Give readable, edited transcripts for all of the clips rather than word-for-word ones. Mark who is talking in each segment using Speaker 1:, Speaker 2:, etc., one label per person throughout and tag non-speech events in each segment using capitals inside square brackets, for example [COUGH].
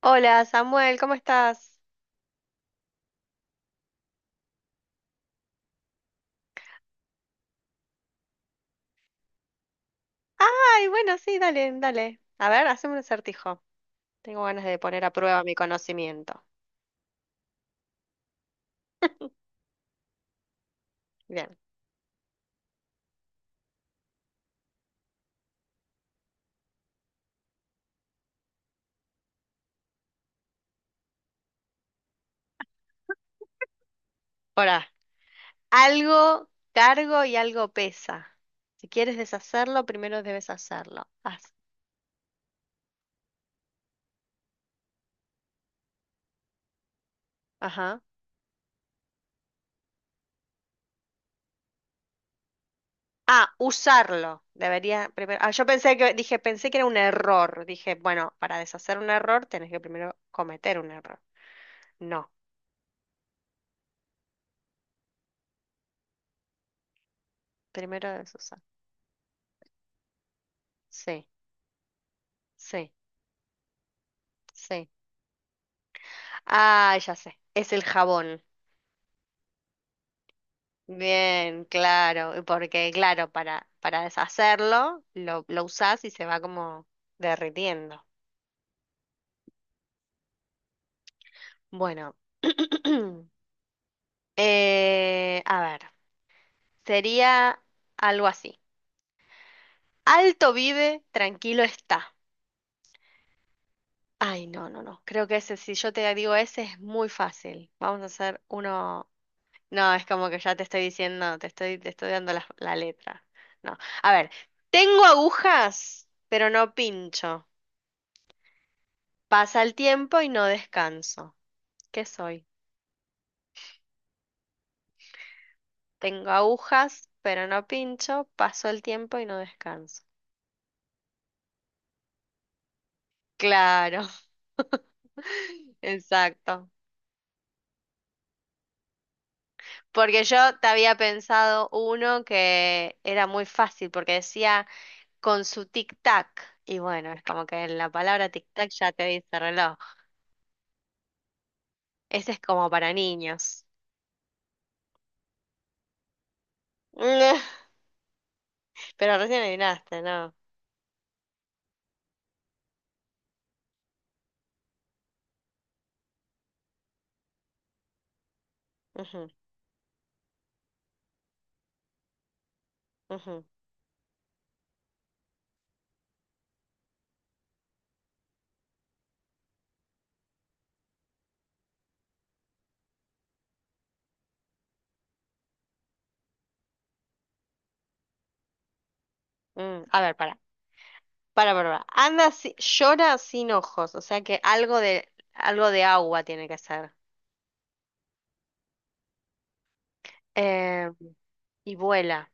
Speaker 1: Hola Samuel, ¿cómo estás? Ay, bueno, sí, dale, dale. A ver, haceme un acertijo. Tengo ganas de poner a prueba mi conocimiento. Bien, ahora, algo cargo y algo pesa. Si quieres deshacerlo, primero debes hacerlo. Haz- Ajá. Ah, usarlo. Debería primero. Ah, yo pensé que, dije, pensé que era un error. Dije, bueno, para deshacer un error tenés que primero cometer un error. No, primero debes usar. Sí, sí, sí. Ah, ya sé. Es el jabón. Bien, claro, y porque claro, para deshacerlo lo usás y se va como derritiendo. Bueno, [CLEARS THROAT] a ver, sería algo así. Alto vive, tranquilo está. Ay, no, no, no, creo que ese, si yo te digo ese es muy fácil. Vamos a hacer uno... No, es como que ya te estoy diciendo, te estoy dando la letra. No, a ver, tengo agujas, pero no pincho. Pasa el tiempo y no descanso. ¿Qué soy? Tengo agujas, pero no pincho. Paso el tiempo y no descanso. Claro, [LAUGHS] exacto. Porque yo te había pensado uno que era muy fácil, porque decía con su tic-tac. Y bueno, es como que en la palabra tic-tac ya te dice reloj. Ese es como para niños. [LAUGHS] Pero recién adivinaste, ¿no? Ujú, ujú, mm. A ver, para. Para, para. Anda, si- llora sin ojos, o sea que algo de agua tiene que ser. Eh, y vuela,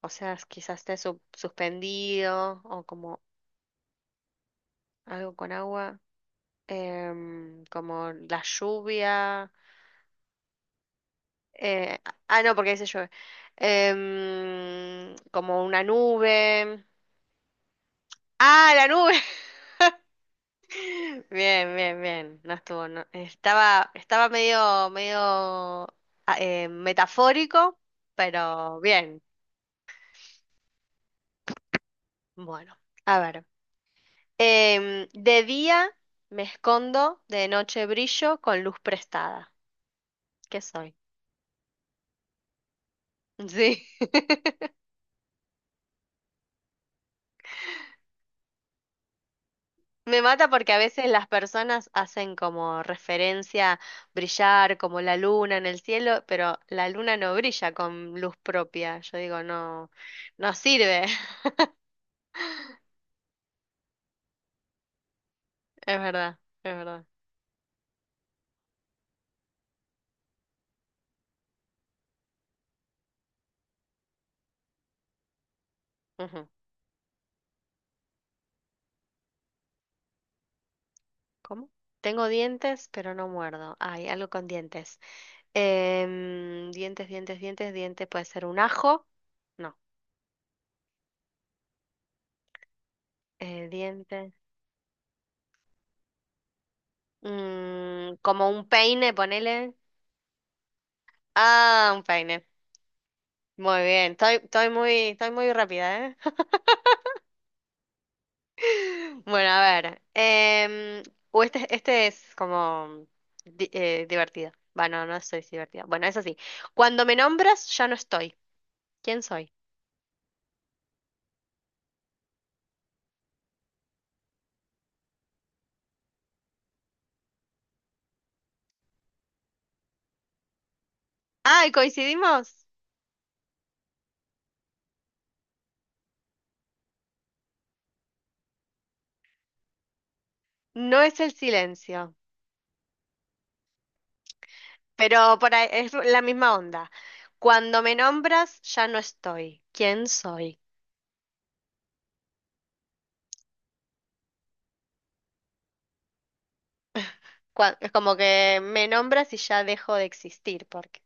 Speaker 1: o sea, es- quizás esté su- suspendido o como algo con agua, como la lluvia. eh, ah, no, porque dice llueve. Como una nube. Ah, la nube. Bien, bien, bien. No estuvo, no- Estaba, estaba medio, medio metafórico, pero bien. Bueno, a ver. De día me escondo, de noche brillo con luz prestada. ¿Qué soy? Sí. [LAUGHS] Me mata porque a veces las personas hacen como referencia brillar como la luna en el cielo, pero la luna no brilla con luz propia. Yo digo, no, no sirve. Es verdad, es verdad. Ujú. ¿Cómo? Tengo dientes, pero no muerdo. Hay algo con dientes. Dientes, dientes, dientes, dientes. Puede ser un ajo. No. Dientes. Mm, como un peine, ponele. Ah, un peine. Muy bien. Estoy muy rápida, ¿eh? [LAUGHS] Bueno, a ver. O este, este es divertido. Bueno, no soy divertida. Bueno, es así. Cuando me nombras, ya no estoy. ¿Quién soy? Ay, coincidimos. No es el silencio, pero por ahí es la misma onda. Cuando me nombras, ya no estoy. ¿Quién soy? Cua- es como que me nombras y ya dejo de existir, porque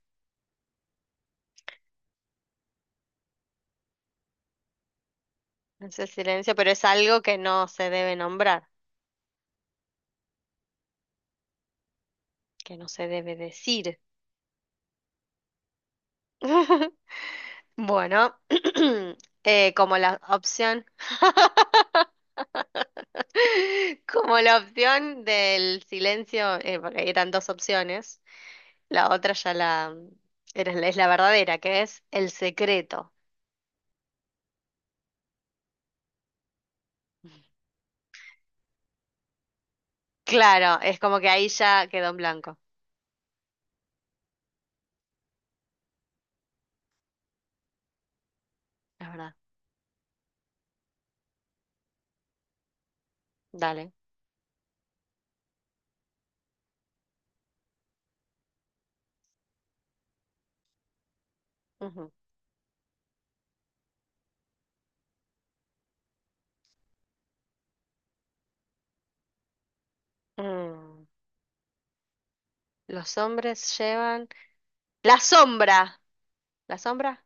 Speaker 1: no es el silencio, pero es algo que no se debe nombrar, que no se debe decir. [LAUGHS] Bueno, [CLEARS THROAT] como la opción, [LAUGHS] como la opción del silencio, porque eran dos opciones. La otra ya la era- es la verdadera, que es El secreto. Claro, es como que ahí ya quedó en blanco. Es verdad. Dale. Ujú. Mm. Los hombres llevan la sombra. ¿La sombra?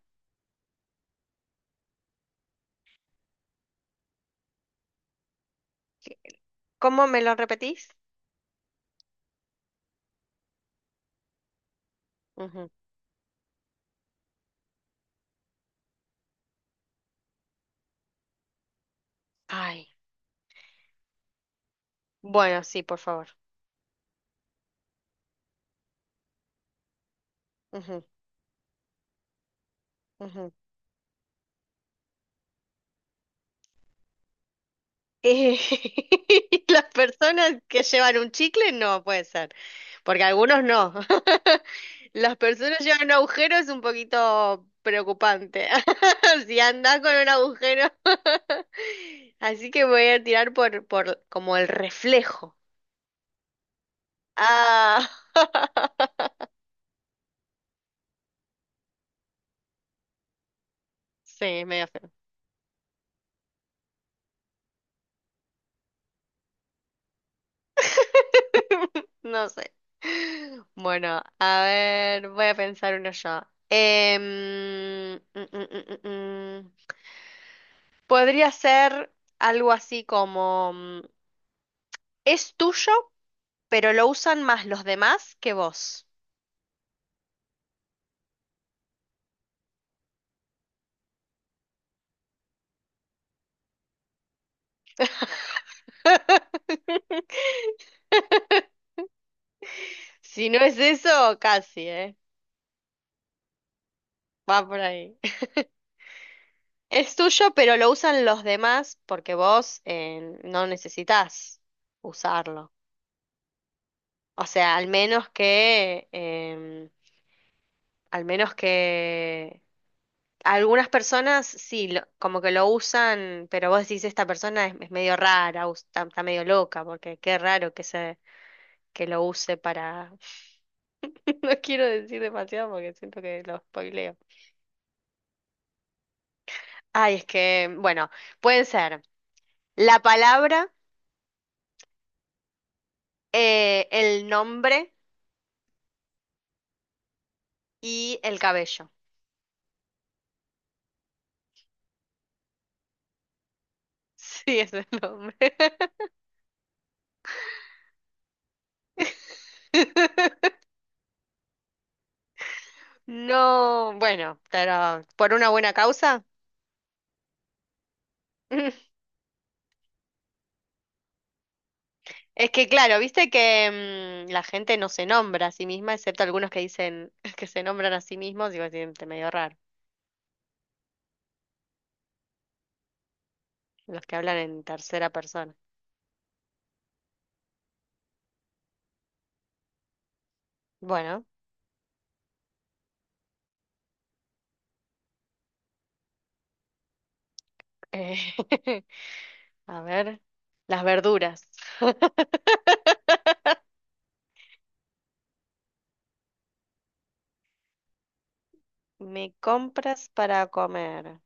Speaker 1: ¿Cómo me lo repetís? Ujú. Ay. Bueno, sí, por favor. Ujú, ujú. Eh, [LAUGHS] las personas que llevan un chicle no puede ser, porque algunos no. [LAUGHS] Las personas llevan agujero es un poquito preocupante. [LAUGHS] Si andas con un agujero. [LAUGHS] Así que voy a tirar por como el reflejo. Ah. [LAUGHS] Sí, medio feo. [LAUGHS] No sé. Bueno, a ver, voy a pensar uno yo. Em, mm, mm, mm, mm, mm. Podría ser algo así como mm, es tuyo, pero lo usan más los demás que vos. [LAUGHS] Si no es eso, casi, ¿eh? Va por ahí. Es tuyo, pero lo usan los demás porque vos no necesitas usarlo. O sea, al menos que, al menos que algunas personas sí, lo- como que lo usan, pero vos decís, esta persona es medio rara, us- está medio loca, porque qué raro que se, que lo use para... [LAUGHS] No quiero decir demasiado porque siento que lo spoileo. Ay, es que, bueno, pueden ser la palabra, el nombre y el cabello. [LAUGHS] Sí, es el nombre. [LAUGHS] No, bueno, pero por una buena causa. [LAUGHS] Es que, claro, viste que mm, la gente no se nombra a sí misma, excepto algunos que dicen [LAUGHS] que se nombran a sí mismos, digo, siente medio raro, los que hablan en tercera persona. Bueno, eh, [LAUGHS] a ver, las verduras. [LAUGHS] Me compras para comer.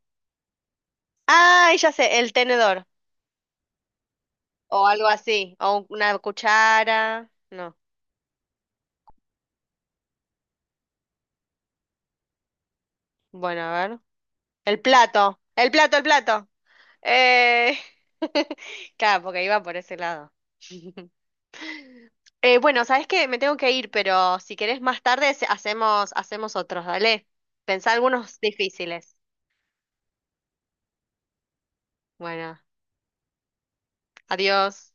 Speaker 1: Ay, ya sé, el tenedor. O algo así. O un- una cuchara. No. Bueno, a ver. El plato. El plato, el plato. Eh... [LAUGHS] Claro, porque iba por ese lado. [LAUGHS] Bueno, sabes que me tengo que ir, pero si querés más tarde se- hacemos, hacemos otros, dale. Pensá algunos difíciles. Bueno, adiós.